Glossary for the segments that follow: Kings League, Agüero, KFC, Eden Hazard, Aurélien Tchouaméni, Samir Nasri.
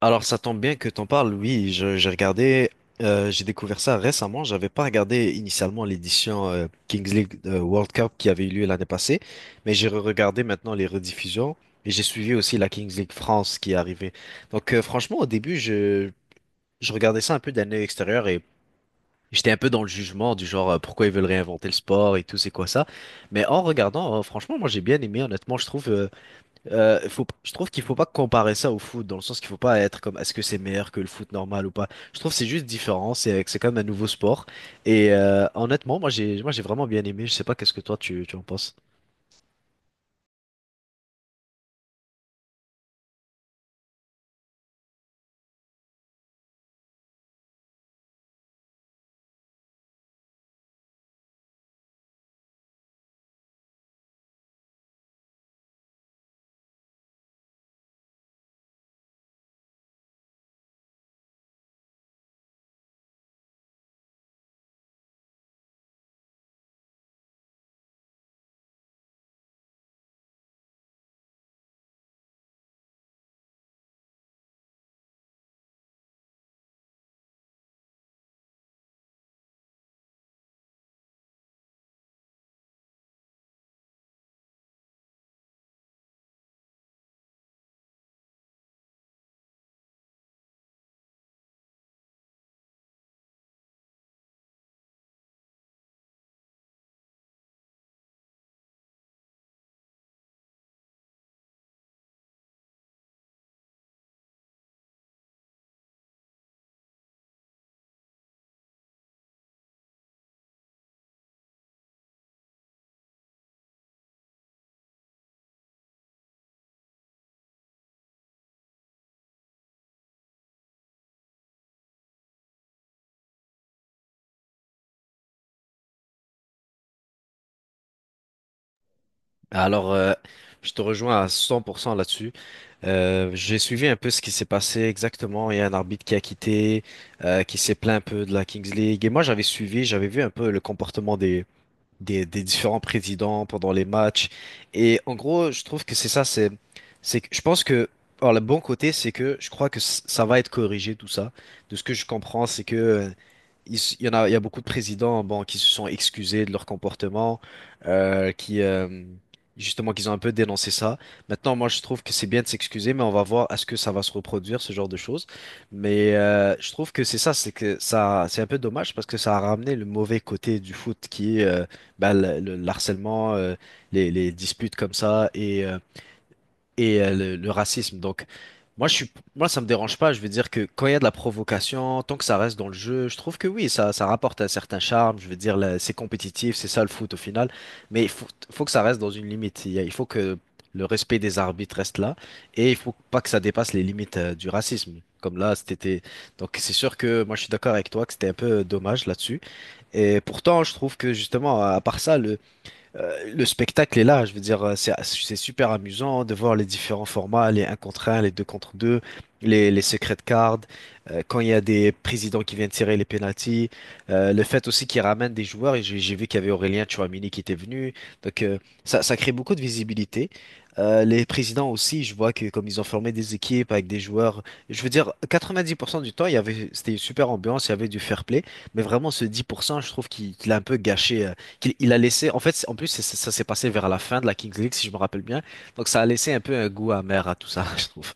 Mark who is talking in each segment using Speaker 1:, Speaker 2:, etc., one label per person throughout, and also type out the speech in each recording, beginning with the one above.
Speaker 1: Alors ça tombe bien que t'en parles, oui, j'ai regardé, j'ai découvert ça récemment. J'avais pas regardé initialement l'édition Kings League World Cup qui avait eu lieu l'année passée, mais j'ai regardé maintenant les rediffusions et j'ai suivi aussi la Kings League France qui est arrivée. Donc franchement au début je regardais ça un peu d'un œil extérieur et j'étais un peu dans le jugement du genre pourquoi ils veulent réinventer le sport et tout, c'est quoi ça? Mais en regardant, franchement moi j'ai bien aimé, honnêtement je trouve qu'il faut pas comparer ça au foot, dans le sens qu'il faut pas être comme est-ce que c'est meilleur que le foot normal ou pas. Je trouve que c'est juste différent, c'est quand même un nouveau sport. Et honnêtement, moi j'ai vraiment bien aimé. Je sais pas qu'est-ce que tu en penses. Alors, je te rejoins à 100% là-dessus. J'ai suivi un peu ce qui s'est passé exactement. Il y a un arbitre qui a quitté, qui s'est plaint un peu de la Kings League. Et moi j'avais suivi, j'avais vu un peu le comportement des différents présidents pendant les matchs. Et en gros, je trouve que c'est ça, c'est que je pense que, alors le bon côté, c'est que je crois que ça va être corrigé tout ça. De ce que je comprends, c'est que il y a beaucoup de présidents, bon, qui se sont excusés de leur comportement, qui justement, qu'ils ont un peu dénoncé ça. Maintenant, moi, je trouve que c'est bien de s'excuser, mais on va voir à ce que ça va se reproduire, ce genre de choses. Mais je trouve que c'est ça, c'est que ça, c'est un peu dommage parce que ça a ramené le mauvais côté du foot qui est bah, le harcèlement, les disputes comme ça et le racisme. Donc, moi, ça me dérange pas. Je veux dire que quand il y a de la provocation, tant que ça reste dans le jeu, je trouve que oui, ça rapporte un certain charme. Je veux dire, là, c'est compétitif, c'est ça le foot au final. Mais faut que ça reste dans une limite. Il faut que le respect des arbitres reste là et il faut pas que ça dépasse les limites, du racisme. Comme là, c'était. Donc, c'est sûr que moi, je suis d'accord avec toi que c'était un peu dommage là-dessus. Et pourtant, je trouve que justement, à part ça, le spectacle est là, je veux dire, c'est super amusant de voir les différents formats, les un contre un, les 2 contre 2, les secret cards, quand il y a des présidents qui viennent tirer les pénaltys, le fait aussi qu'ils ramènent des joueurs, et j'ai vu qu'il y avait Aurélien Tchouameni qui était venu, donc ça crée beaucoup de visibilité. Les présidents aussi, je vois que comme ils ont formé des équipes avec des joueurs, je veux dire, 90% du temps, c'était une super ambiance, il y avait du fair play, mais vraiment ce 10%, je trouve qu'il a un peu gâché. Qu'il il a laissé, en fait, en plus, ça s'est passé vers la fin de la Kings League, si je me rappelle bien. Donc, ça a laissé un peu un goût amer à tout ça, je trouve.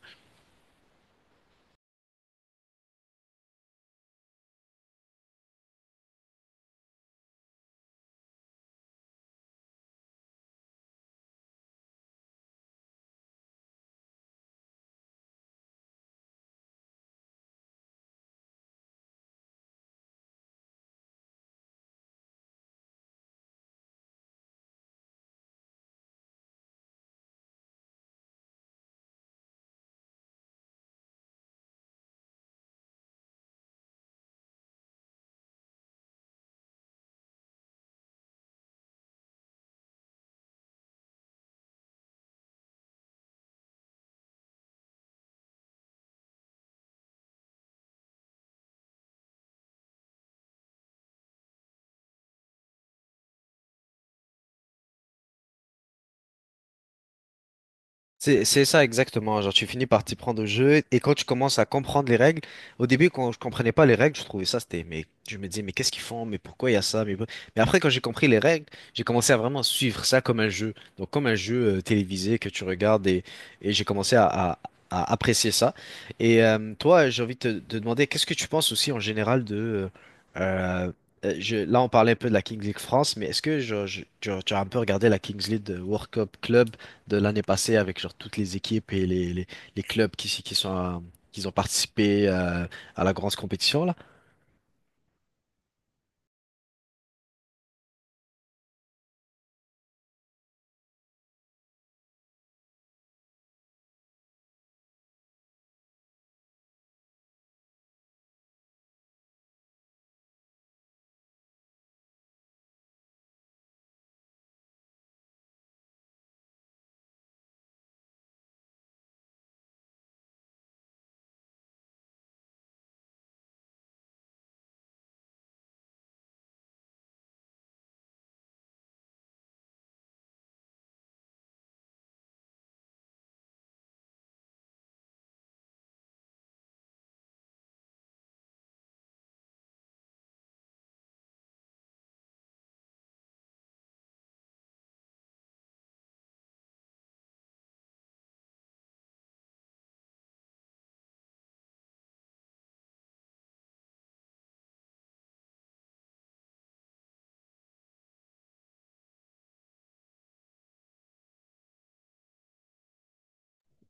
Speaker 1: C'est ça exactement, genre tu finis par t'y prendre au jeu et quand tu commences à comprendre les règles, au début quand je comprenais pas les règles, je trouvais ça c'était mais je me disais mais qu'est-ce qu'ils font, mais pourquoi il y a ça, mais après quand j'ai compris les règles, j'ai commencé à vraiment suivre ça comme un jeu, donc comme un jeu télévisé que tu regardes et j'ai commencé à apprécier ça. Et toi, j'ai envie de te de demander qu'est-ce que tu penses aussi en général de euh, là on parlait un peu de la Kings League France, mais est-ce que genre, tu as un peu regardé la Kings League de World Cup Club de l'année passée avec genre toutes les équipes et les clubs qui sont qui ont participé à la grande compétition là.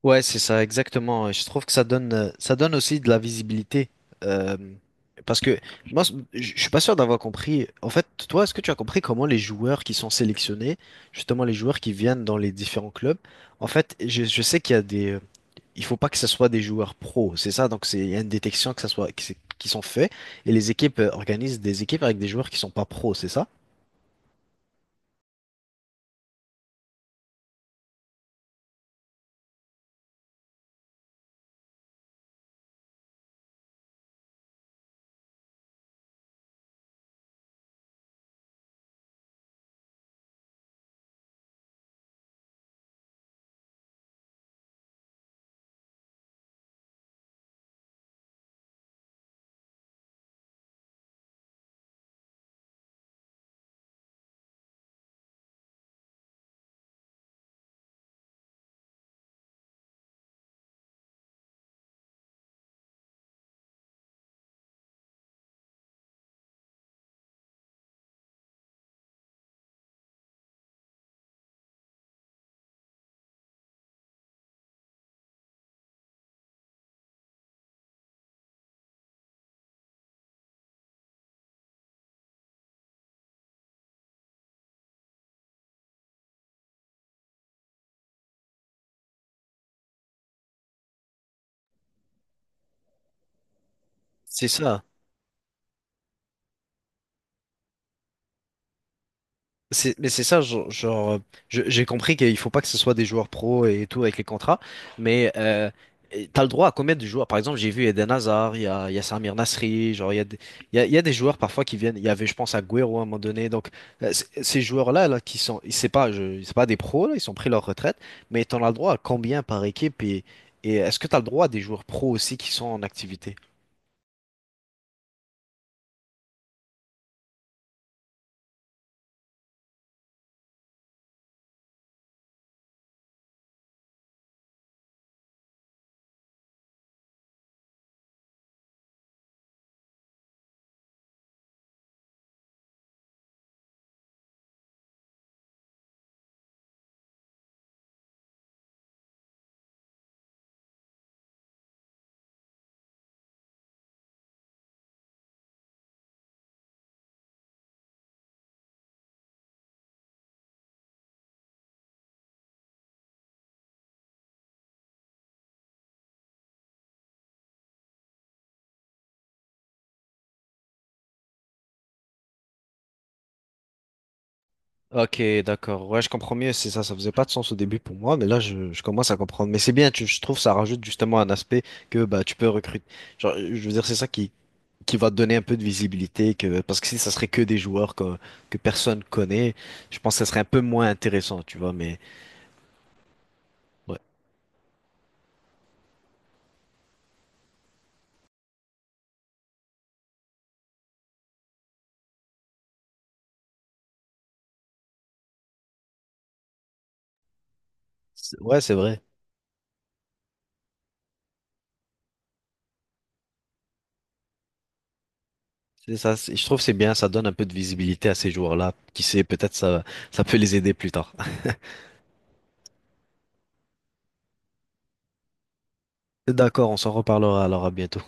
Speaker 1: Ouais, c'est ça exactement. Et je trouve que ça donne aussi de la visibilité. Euh, parce que moi je suis pas sûr d'avoir compris. En fait, toi, est-ce que tu as compris comment les joueurs qui sont sélectionnés, justement les joueurs qui viennent dans les différents clubs, en fait, je sais qu'il y a des il faut pas que ce soit des joueurs pros, c'est ça. Donc c'est il y a une détection que ça soit qui sont faits et les équipes organisent des équipes avec des joueurs qui sont pas pros, c'est ça? C'est ça. Mais c'est ça, genre, j'ai compris qu'il faut pas que ce soit des joueurs pros et tout avec les contrats, mais t'as le droit à combien de joueurs? Par exemple, j'ai vu Eden Hazard, il y a Samir Nasri, genre, il y a des joueurs parfois qui viennent, il y avait, je pense, Agüero à un moment donné, donc ces joueurs-là, là, qui sont, c'est pas des pros, là, ils ont pris leur retraite, mais t'en as le droit à combien par équipe et est-ce que t'as le droit à des joueurs pros aussi qui sont en activité? Ok, d'accord. Ouais, je comprends mieux. C'est ça, ça faisait pas de sens au début pour moi, mais là, je commence à comprendre. Mais c'est bien, je trouve, ça rajoute justement un aspect que bah tu peux recruter. Genre, je veux dire, c'est ça qui va te donner un peu de visibilité, que parce que si ça serait que des joueurs que personne connaît, je pense que ça serait un peu moins intéressant, tu vois. Mais ouais, ouais, c'est vrai. C'est ça. Je trouve que c'est bien, ça donne un peu de visibilité à ces joueurs-là. Qui sait, peut-être ça peut les aider plus tard. D'accord, on s'en reparlera alors à bientôt.